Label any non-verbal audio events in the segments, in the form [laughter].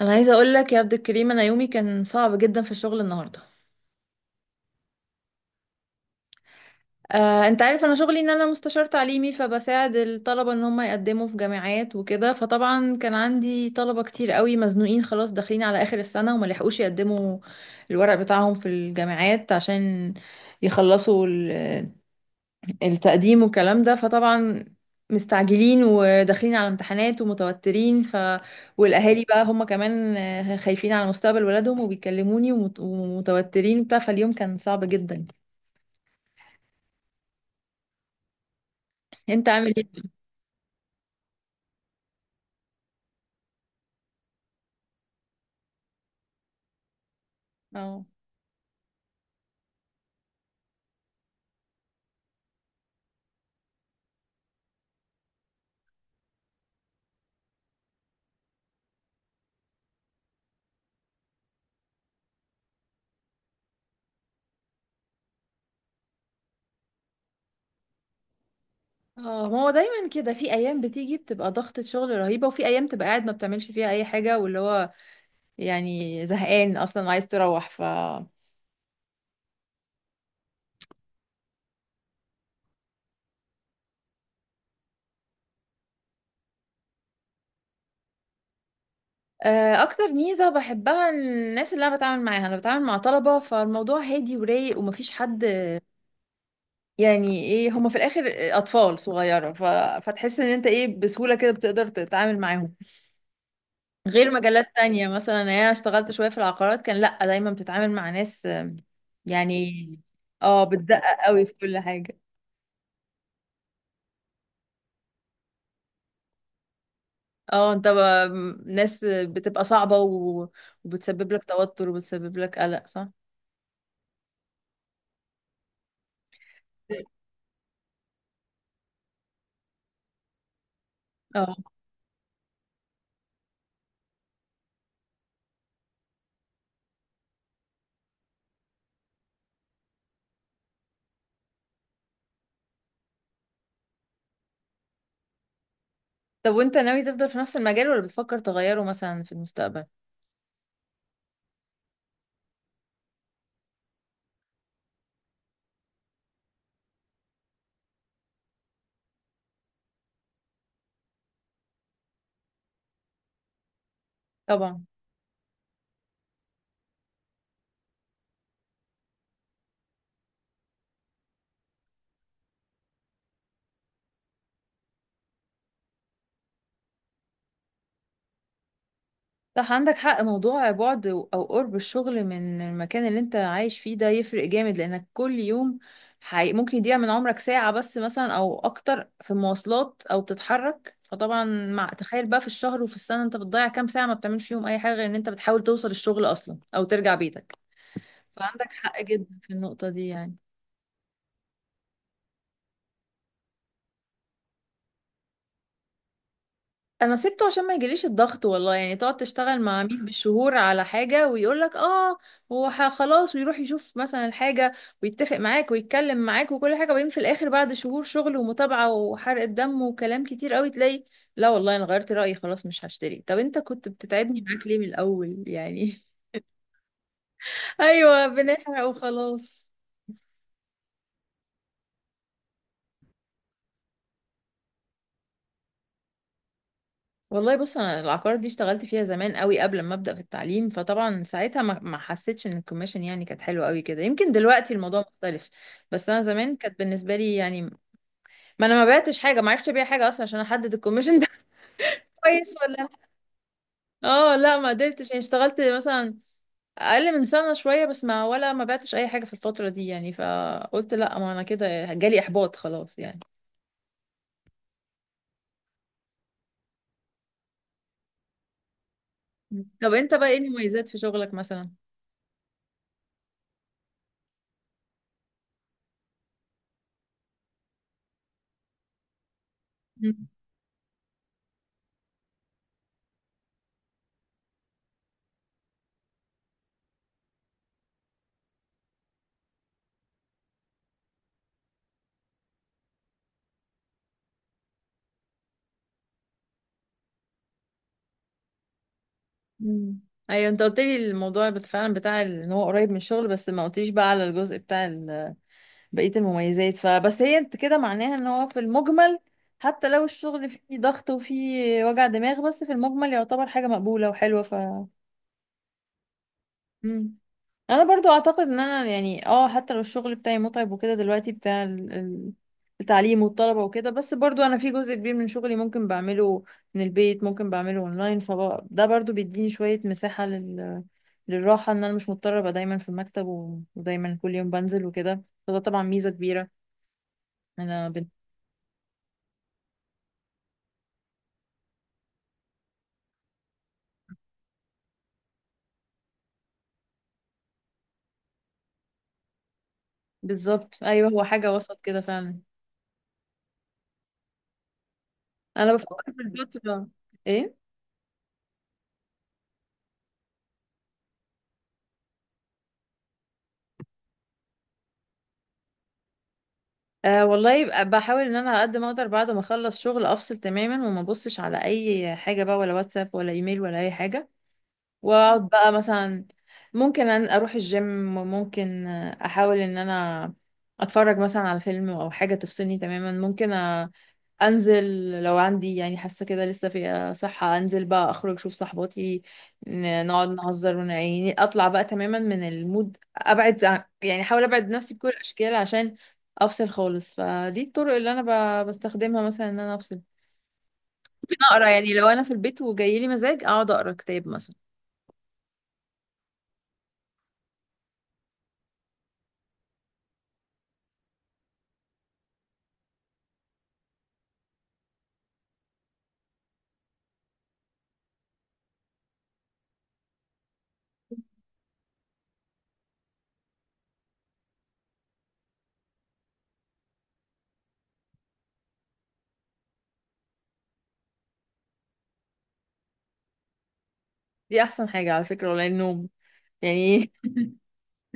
انا عايزه اقول لك يا عبد الكريم، انا يومي كان صعب جدا في الشغل النهارده. انت عارف انا شغلي ان انا مستشار تعليمي، فبساعد الطلبه ان هم يقدموا في جامعات وكده. فطبعا كان عندي طلبه كتير قوي مزنوقين خلاص، داخلين على اخر السنه وما لحقوش يقدموا الورق بتاعهم في الجامعات عشان يخلصوا التقديم والكلام ده. فطبعا مستعجلين وداخلين على امتحانات ومتوترين، والاهالي بقى هم كمان خايفين على مستقبل ولادهم وبيكلموني ومتوترين وبتاع. فاليوم كان صعب جدا. انت عامل ايه؟ اه. اه، ما هو دايما كده، في ايام بتيجي بتبقى ضغطة شغل رهيبة، وفي ايام تبقى قاعد ما بتعملش فيها اي حاجة، واللي هو يعني زهقان اصلا وعايز تروح. ف اكتر ميزه بحبها الناس اللي انا بتعامل معاها، انا بتعامل مع طلبه، فالموضوع هادي ورايق ومفيش حد يعني، ايه هما في الاخر اطفال صغيره فتحس ان انت ايه بسهوله كده بتقدر تتعامل معاهم. غير مجالات تانية مثلا، يعني انا اشتغلت شويه في العقارات، كان لا دايما بتتعامل مع ناس يعني، اه بتدقق قوي في كل حاجه. اه انت ب... ناس بتبقى صعبه وبتسبب لك توتر وبتسبب لك قلق، صح. اه. طب وانت ناوي تفضل في نفس المجال ولا بتفكر تغيره مثلا في المستقبل؟ طبعا. صح، عندك حق. موضوع بعد او قرب الشغل من المكان اللي انت عايش فيه ده يفرق جامد، لانك كل يوم ممكن يضيع من عمرك ساعة بس مثلا او اكتر في مواصلات او بتتحرك. فطبعا مع تخيل بقى في الشهر وفي السنة انت بتضيع كام ساعة ما بتعملش فيهم اي حاجة غير ان انت بتحاول توصل الشغل اصلا او ترجع بيتك. فعندك حق جدا في النقطة دي يعني. انا سبته عشان ما يجيليش الضغط، والله. يعني تقعد تشتغل مع عميل بالشهور على حاجه، ويقول لك اه، خلاص ويروح يشوف مثلا الحاجه ويتفق معاك ويتكلم معاك وكل حاجه، وبعدين في الاخر بعد شهور شغل ومتابعه وحرق دم وكلام كتير قوي تلاقي لا والله انا غيرت رايي خلاص مش هشتري. طب انت كنت بتتعبني معاك ليه من الاول يعني؟ [laughs] ايوه، بنحرق وخلاص. والله بص، انا العقار دي اشتغلت فيها زمان قوي قبل ما ابدا في التعليم، فطبعا ساعتها ما حسيتش ان الكوميشن يعني كانت حلوه قوي كده، يمكن دلوقتي الموضوع مختلف. بس انا زمان كانت بالنسبه لي يعني، ما انا ما بعتش حاجه، ما عرفتش ابيع حاجه اصلا عشان احدد الكوميشن ده. [laughs] كويس ولا لا. اه لا ما قدرتش، يعني اشتغلت مثلا اقل من سنه شويه بس، ما ولا ما بعتش اي حاجه في الفتره دي يعني. فقلت لا، ما انا كده جالي احباط خلاص يعني. مم. طب انت بقى ايه المميزات في شغلك مثلا؟ مم. ايوه، انت قلت لي الموضوع فعلا بتاع ان هو قريب من الشغل، بس ما قلتليش بقى على الجزء بتاع بقية المميزات. فبس هي انت كده معناها ان هو في المجمل حتى لو الشغل فيه ضغط وفيه وجع دماغ، بس في المجمل يعتبر حاجة مقبولة وحلوة. مم. انا برضو اعتقد ان انا يعني اه، حتى لو الشغل بتاعي متعب وكده دلوقتي بتاع التعليم والطلبة وكده، بس برضو انا في جزء كبير من شغلي ممكن بعمله من البيت، ممكن بعمله اونلاين، فده برضو بيديني شوية مساحة للراحة، ان انا مش مضطرة ابقى دايما في المكتب ودايما كل يوم بنزل وكده. فده طبعا ميزة كبيرة. انا بن... بالظبط، ايوه، هو حاجة وسط كده فعلا. انا بفكر في الفترة. ايه؟ أه والله يبقى بحاول ان انا على قد ما اقدر بعد ما اخلص شغل افصل تماما وما ابصش على اي حاجه بقى، ولا واتساب ولا ايميل ولا اي حاجه. واقعد بقى مثلا، ممكن أن اروح الجيم، وممكن احاول ان انا اتفرج مثلا على فيلم او حاجة تفصلني تماما. انزل لو عندي يعني حاسة كده لسه في صحة، انزل بقى اخرج اشوف صحباتي، نقعد نهزر يعني اطلع بقى تماما من المود، يعني احاول ابعد نفسي بكل الاشكال عشان افصل خالص. فدي الطرق اللي انا بستخدمها مثلا ان انا افصل. ممكن اقرا، يعني لو انا في البيت وجاي لي مزاج اقعد اقرا كتاب مثلا. دي احسن حاجة على فكرة، ولا النوم يعني.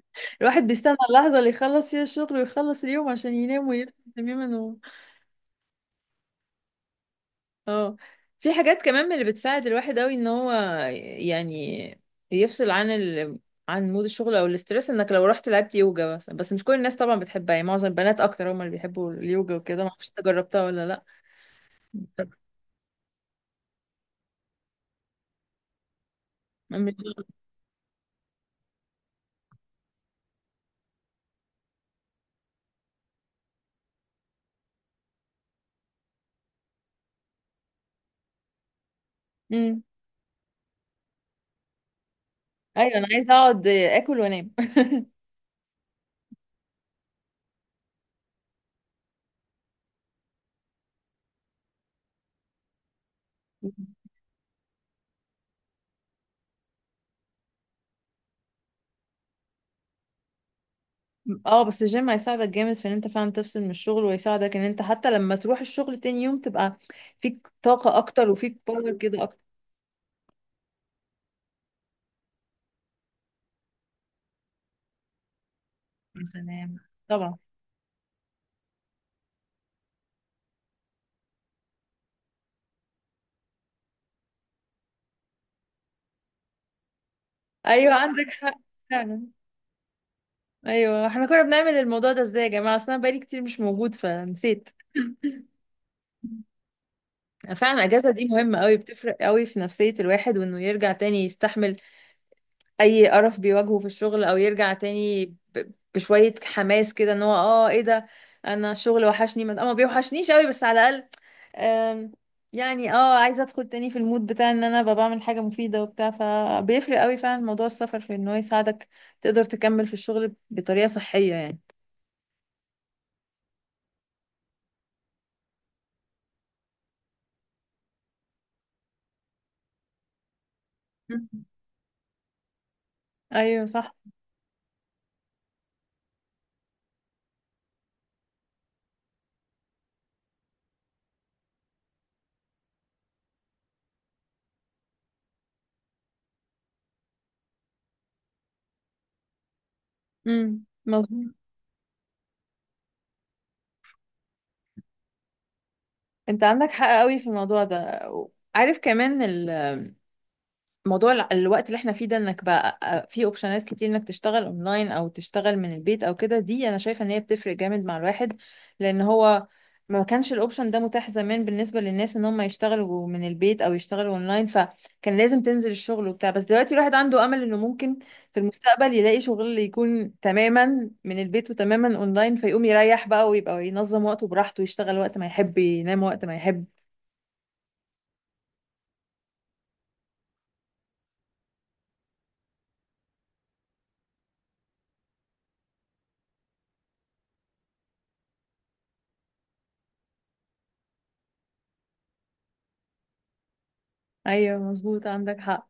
[laughs] الواحد بيستنى اللحظة اللي يخلص فيها الشغل ويخلص اليوم عشان ينام ويرتاح تماما. و... اه، في حاجات كمان من اللي بتساعد الواحد قوي ان هو يعني يفصل عن عن مود الشغل او الاسترس، انك لو رحت لعبت يوجا، بس مش كل الناس طبعا بتحبها يعني، معظم البنات اكتر هم اللي بيحبوا اليوجا وكده. ما اعرفش انت جربتها ولا لا. [laughs] مش- امم، ايوه انا عايزه اقعد اكل وانام. [laughs] اه، بس الجيم هيساعدك جامد في ان انت فعلا تفصل من الشغل، ويساعدك ان انت حتى لما تروح الشغل تاني يوم تبقى فيك طاقة اكتر وفيك باور كده اكتر. يا سلام. طبعا. ايوه، عندك حق. فعلا. ايوه، احنا كنا بنعمل الموضوع ده ازاي يا جماعة؟ اصل انا بقالي كتير مش موجود فنسيت. [laughs] فعلا الاجازة دي مهمة قوي، بتفرق قوي في نفسية الواحد، وانه يرجع تاني يستحمل اي قرف بيواجهه في الشغل، او يرجع تاني بشوية حماس كده ان هو اه ايه ده، انا الشغل وحشني. ما بيوحشنيش قوي بس على الاقل، آم، يعني اه عايزة ادخل تاني في المود بتاع ان انا ببقى بعمل حاجة مفيدة وبتاع. فبيفرق قوي فعلا موضوع السفر في ان هو يساعدك تقدر تكمل في الشغل بطريقة صحية يعني. مم. ايوه صح. امم، مظبوط. انت عندك حق قوي في الموضوع ده. عارف كمان موضوع الوقت اللي احنا فيه ده، انك بقى في اوبشنات كتير انك تشتغل اونلاين او تشتغل من البيت او كده، دي انا شايفه ان هي بتفرق جامد مع الواحد. لان هو ما كانش الاوبشن ده متاح زمان بالنسبه للناس ان هم يشتغلوا من البيت او يشتغلوا اونلاين، فكان لازم تنزل الشغل وبتاع. بس دلوقتي الواحد عنده امل انه ممكن في المستقبل يلاقي شغل يكون تماما من البيت وتماما اونلاين، فيقوم يريح بقى ويبقى ينظم وقته براحته، يشتغل وقت ما يحب ينام وقت ما يحب. ايوه مظبوط، عندك حق.